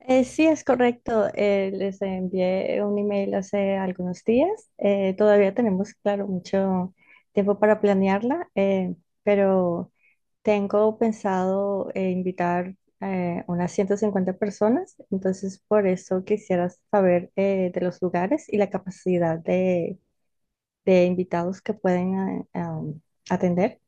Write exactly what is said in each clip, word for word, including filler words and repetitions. Eh, sí, es correcto. Eh, les envié un email hace algunos días. Eh, todavía tenemos, claro, mucho tiempo para planearla, eh, pero tengo pensado eh, invitar eh, unas ciento cincuenta personas. Entonces, por eso quisiera saber eh, de los lugares y la capacidad de, de invitados que pueden eh, um, atender.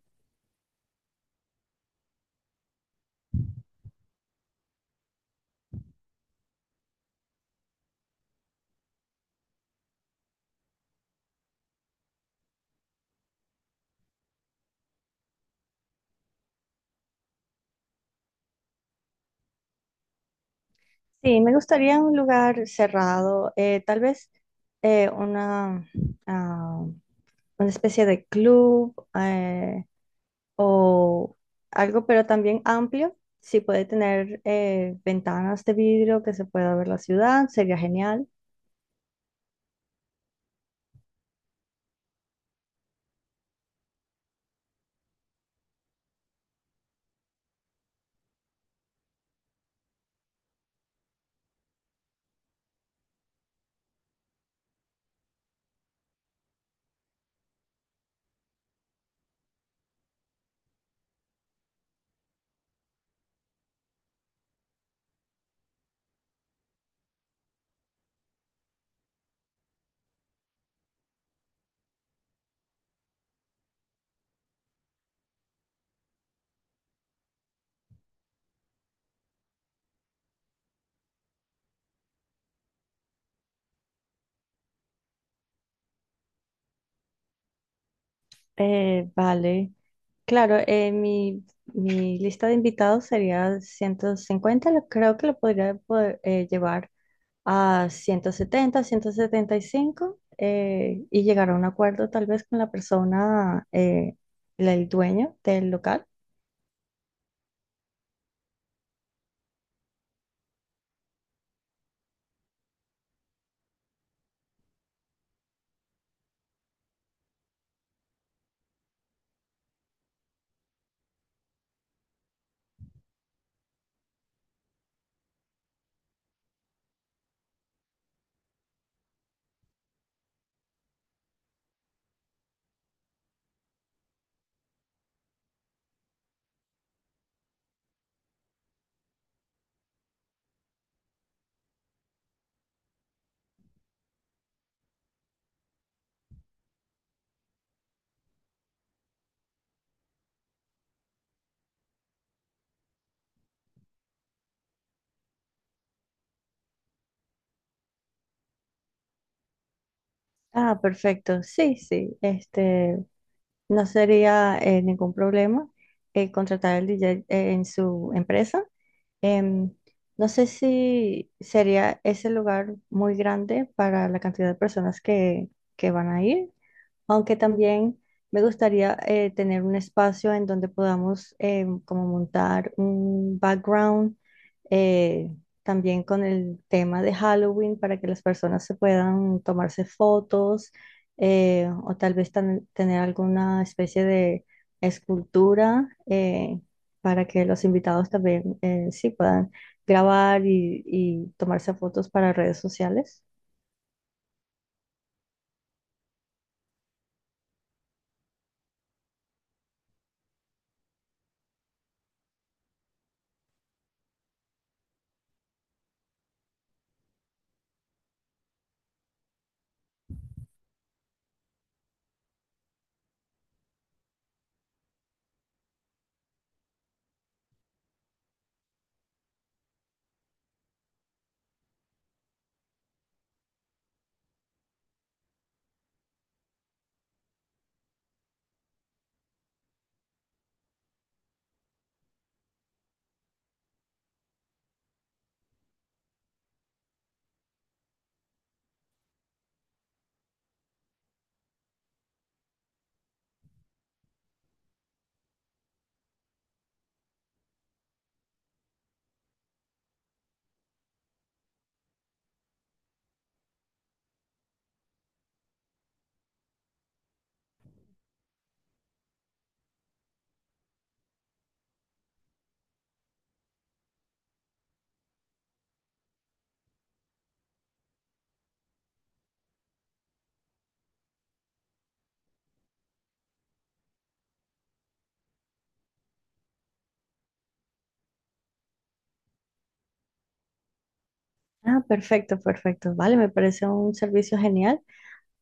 Sí, me gustaría un lugar cerrado, eh, tal vez eh, una... ah, una especie de club eh, o algo, pero también amplio. Si puede tener eh, ventanas de vidrio que se pueda ver la ciudad, sería genial. Eh, vale, claro, eh, mi, mi lista de invitados sería ciento cincuenta, lo- creo que lo podría poder, eh, llevar a ciento setenta, ciento setenta y cinco eh, y llegar a un acuerdo tal vez con la persona, eh, la- el dueño del local. Ah, perfecto. Sí, sí. Este, no sería eh, ningún problema eh, contratar al D J eh, en su empresa. Em, no sé si sería ese lugar muy grande para la cantidad de personas que, que van a ir, aunque también me gustaría eh, tener un espacio en donde podamos eh, como montar un background eh, también con el tema de Halloween para que las personas se puedan tomarse fotos, eh, o tal vez tan- tener alguna especie de escultura eh, para que los invitados también eh, sí puedan grabar y, y tomarse fotos para redes sociales. Ah, perfecto, perfecto. Vale, me parece un servicio genial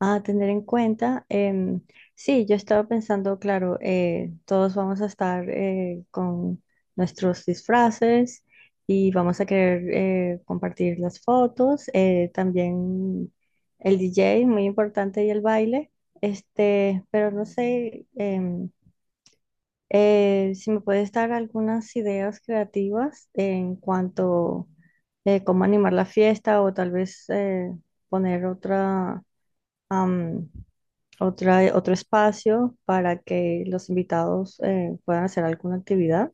a tener en cuenta. Em, sí, yo estaba pensando, claro, eh, todos vamos a estar eh, con nuestros disfraces y vamos a querer eh, compartir las fotos, eh, también el D J, muy importante, y el baile, este, pero no sé. Em, eh, si me puedes dar algunas ideas creativas en cuanto a cómo animar la fiesta o tal vez eh, poner otra am, otra, otro espacio para que los invitados eh, puedan hacer alguna actividad.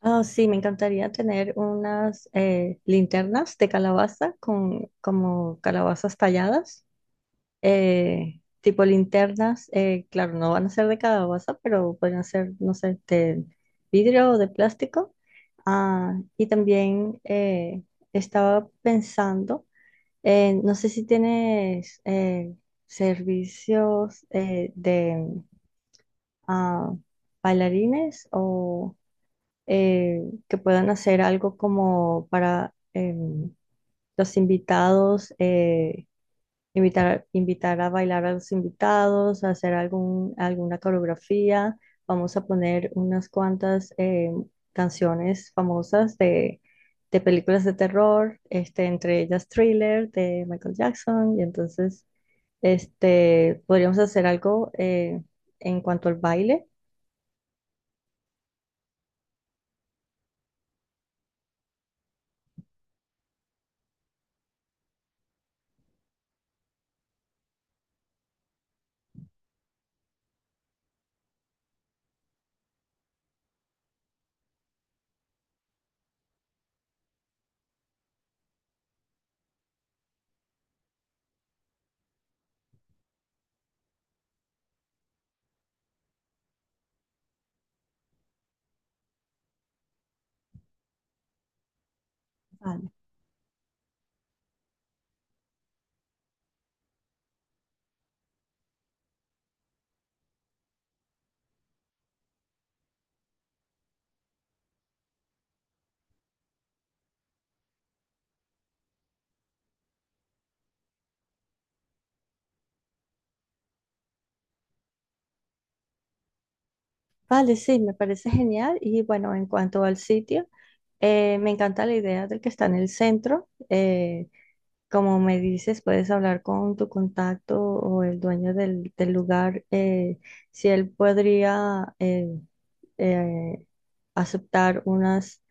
Ah, sí, me encantaría tener unas eh, linternas de calabaza con como calabazas talladas, eh, tipo linternas, eh, claro, no van a ser de calabaza, pero pueden ser, no sé, de vidrio o de plástico. Ah, y también eh, estaba pensando. Eh, no sé si tienes eh, servicios eh, de ah, bailarines o eh, que puedan hacer algo como para em, los invitados, eh, Invitar, invitar a bailar a los invitados, a hacer algún, alguna coreografía. Vamos a poner unas cuantas eh, canciones famosas de, de películas de terror, este, entre ellas Thriller de Michael Jackson. Y entonces, este, podríamos hacer algo eh, en cuanto al baile. Vale. Vale, sí, me parece genial. Y bueno, en cuanto al sitio, eh, me encanta la idea del que está en el centro. eh, Como me dices, puedes hablar con tu contacto o el dueño del, del lugar, eh, si él podría eh, eh, aceptar unas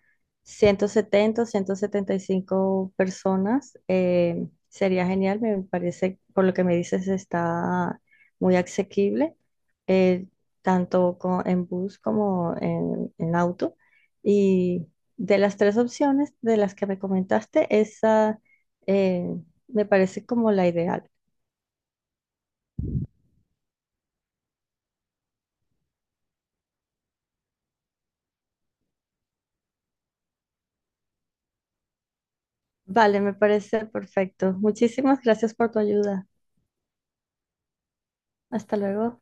ciento setenta o ciento setenta y cinco personas, eh, sería genial. Me parece, por lo que me dices, está muy asequible, eh, tanto co- en bus como en, en auto. Y de las tres opciones de las que me comentaste, esa eh, me parece como la ideal. Vale, me parece perfecto. Muchísimas gracias por tu ayuda. Hasta luego.